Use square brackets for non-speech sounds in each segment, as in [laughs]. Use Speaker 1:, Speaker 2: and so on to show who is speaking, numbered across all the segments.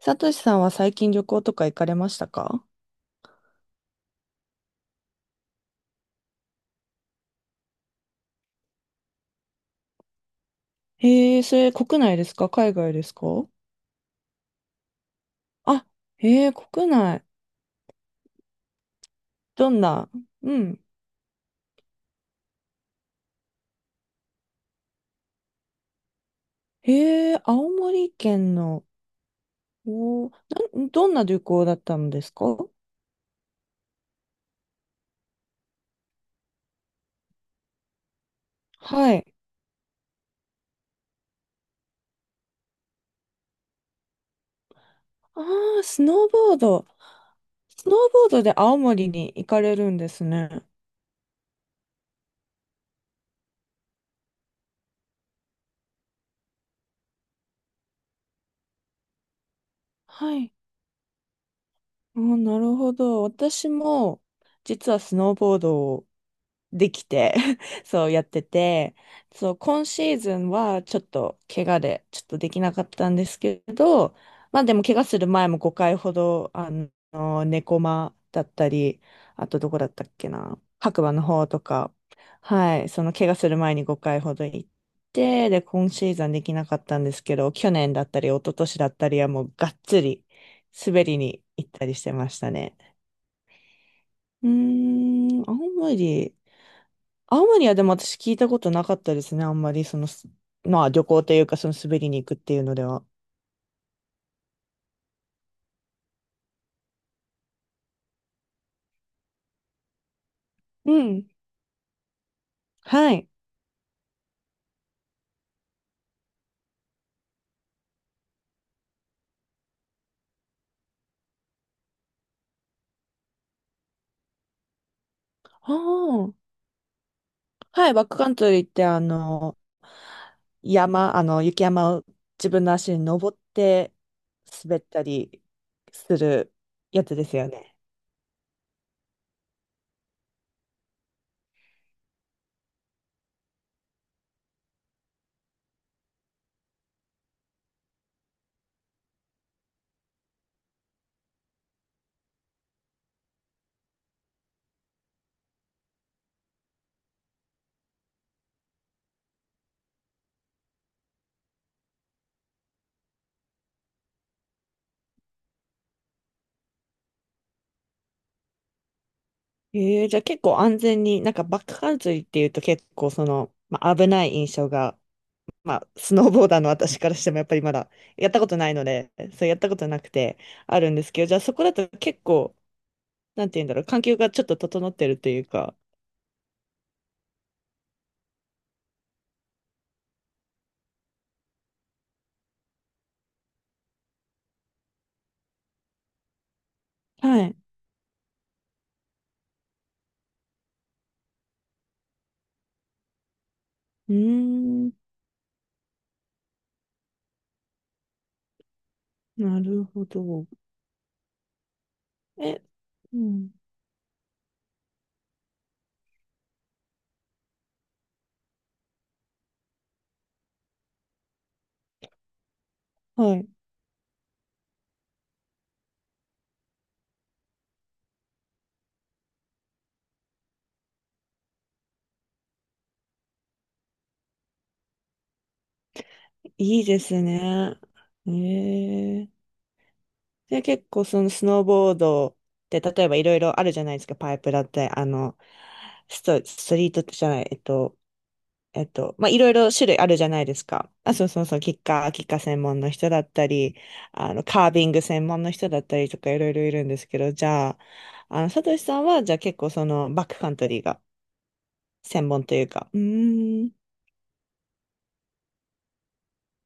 Speaker 1: サトシさんは最近旅行とか行かれましたか？へえ、それ国内ですか海外ですか？あ、へえ、国内。どんな？うん。へえ、青森県の。おー。どんな旅行だったんですか？はい。ああ、スノーボード。スノーボードで青森に行かれるんですね。はい。あー、なるほど。私も、実はスノーボードをできて [laughs] そうやってて、そう、今シーズンはちょっと怪我でちょっとできなかったんですけど、まあでも怪我する前も5回ほど、猫間だったり、あとどこだったっけな、白馬の方とか、はい、その怪我する前に5回ほど行って、で、今シーズンできなかったんですけど、去年だったり、一昨年だったりはもうがっつり滑りに行ったりしてましたね。うーん、青森。青森はでも私聞いたことなかったですね。あんまりまあ旅行というかその滑りに行くっていうのでは。うん。はい。ああ。はい。バックカントリーってあの、山、あの、雪山を自分の足に登って滑ったりするやつですよね。ええ、じゃあ結構安全に。なんかバックカントリーっていうと結構まあ、危ない印象が、まあ、スノーボーダーの私からしてもやっぱりまだやったことないので、そう、やったことなくてあるんですけど、じゃあそこだと結構、なんて言うんだろう、環境がちょっと整ってるというか。はい。うーん、なるほど。え、うん。はい。いいですね。ええ。で、結構そのスノーボードって例えばいろいろあるじゃないですか。パイプだって、ストリートじゃない、まあ、いろいろ種類あるじゃないですか。あ、そうそうそう、キッカー専門の人だったり、カービング専門の人だったりとかいろいろいるんですけど、じゃあ、サトシさんは、じゃあ結構バックカントリーが専門というか、うーん。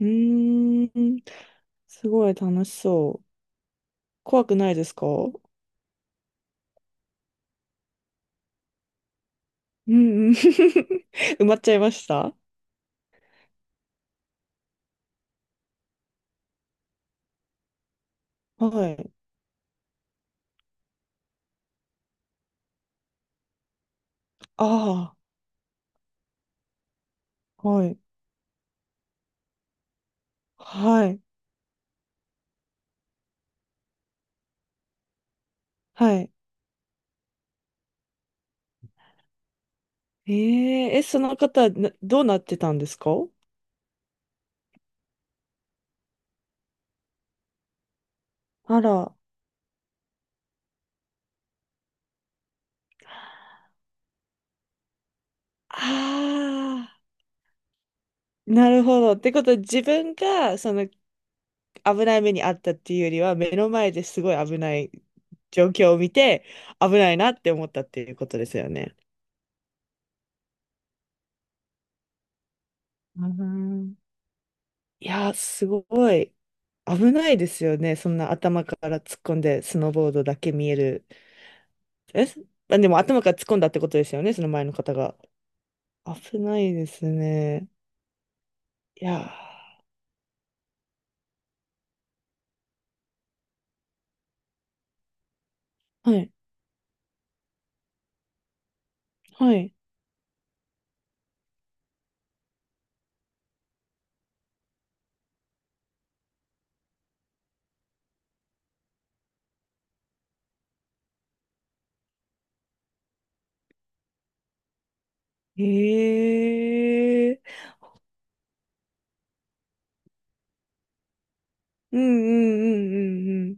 Speaker 1: うーん、すごい楽しそう。怖くないですか？うんうん。[laughs] 埋まっちゃいました？はい。ああ、はい。はい。はい。えー、その方、どうなってたんですか？あら。ああ、なるほど。ってことは自分がその危ない目に遭ったっていうよりは、目の前ですごい危ない状況を見て、危ないなって思ったっていうことですよね。うん、いやー、すごい。危ないですよね。そんな頭から突っ込んで、スノーボードだけ見える。え、まあでも頭から突っ込んだってことですよね、その前の方が。危ないですね。いやー、はい、はい。ええー、うんうんうんうん、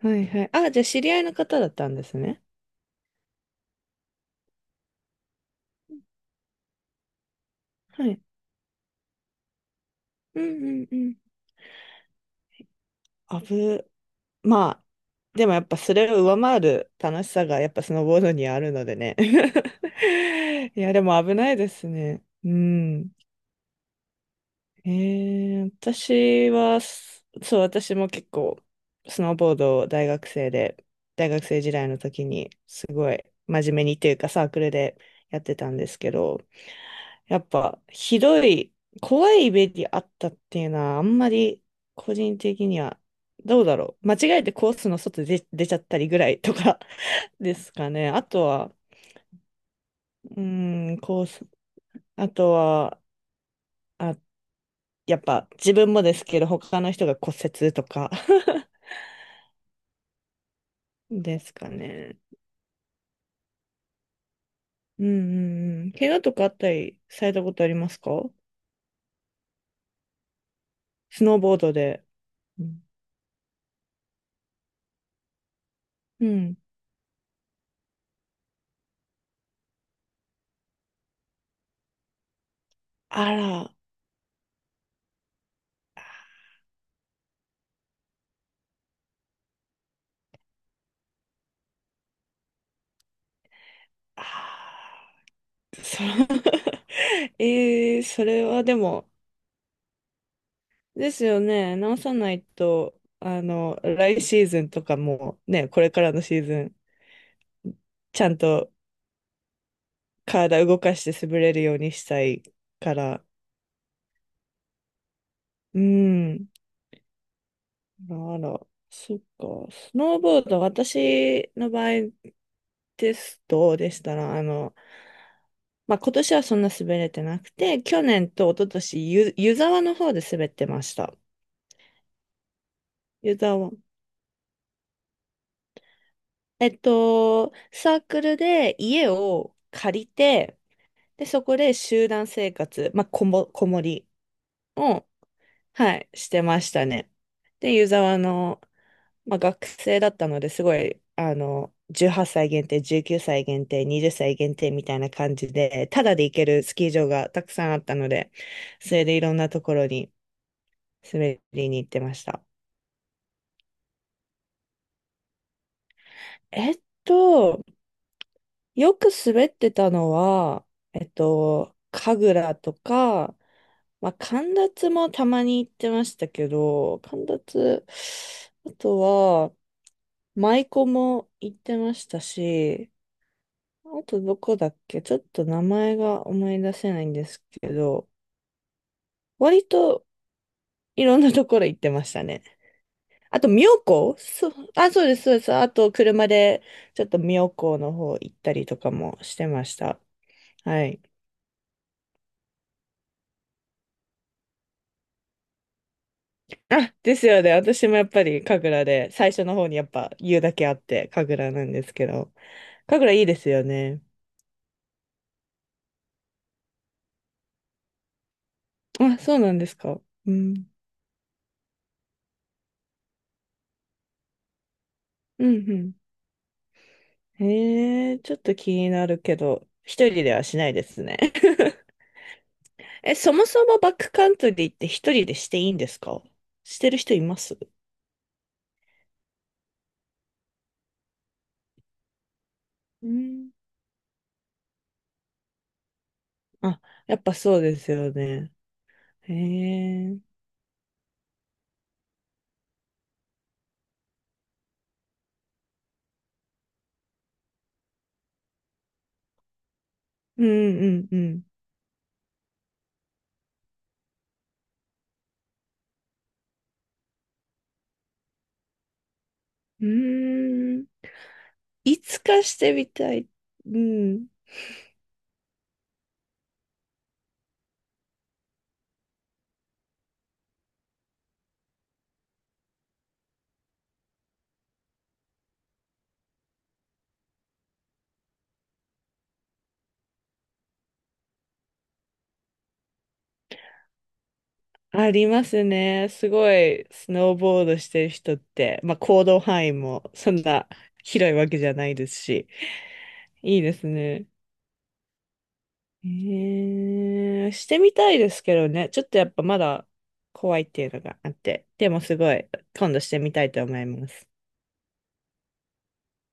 Speaker 1: はいはい。あ、じゃあ知り合いの方だったんですね。はい。うんうんうん。あぶ、まあ、でもやっぱそれを上回る楽しさがやっぱスノーボードにはあるのでね。[laughs] いや、でも危ないですね。うん。えー、私は、すそう、私も結構、スノーボードを大学生時代の時に、すごい真面目にというか、サークルでやってたんですけど、やっぱ、ひどい、怖いイメージあったっていうのは、あんまり、個人的には、どうだろう。間違えてコースの外で出ちゃったりぐらいとか [laughs] ですかね。あとは、うーん、コース、あとは、やっぱ自分もですけど、他の人が骨折とか [laughs] ですかね。うんうんうん。怪我とかあったりされたことありますか？スノーボードで。うん。うん、あら。あー、そう。 [laughs] それはでも、ですよね。直さないと、来シーズンとかもね、これからのシーズン、ちゃんと体動かして滑れるようにしたいから。うん。あら、そっか。スノーボード、私の場合ですと、でしたら、まあ、今年はそんな滑れてなくて、去年と一昨年湯沢の方で滑ってました。湯沢。サークルで家を借りて、で、そこで集団生活、まあ、こもりを、はい、してましたね。で、湯沢の、まあ、学生だったのですごい、18歳限定、19歳限定、20歳限定みたいな感じで、ただで行けるスキー場がたくさんあったので、それでいろんなところに滑りに行ってました。えっと、よく滑ってたのは、神楽とか、まあ、神立もたまに行ってましたけど、神立、あとは、舞妓も行ってましたし、あとどこだっけちょっと名前が思い出せないんですけど、割といろんなところ行ってましたね。あと、妙高、そう、あ、そうです、そうです。あと、車でちょっと妙高の方行ったりとかもしてました。はい。あ、ですよね。私もやっぱり神楽で、最初の方にやっぱ言うだけあって、神楽なんですけど。神楽いいですよね。あ、そうなんですか。うん。うんうん。へえ、ちょっと気になるけど、一人ではしないですね。[laughs] そもそもバックカントリーって一人でしていいんですか？してる人います？うん。あ、やっぱそうですよね。へえ。うんうんうん。うーん。いつかしてみたい。うん。ありますね。すごい、スノーボードしてる人って、まあ行動範囲もそんな広いわけじゃないですし、いいですね。ええ、してみたいですけどね。ちょっとやっぱまだ怖いっていうのがあって。でもすごい、今度してみたいと思います。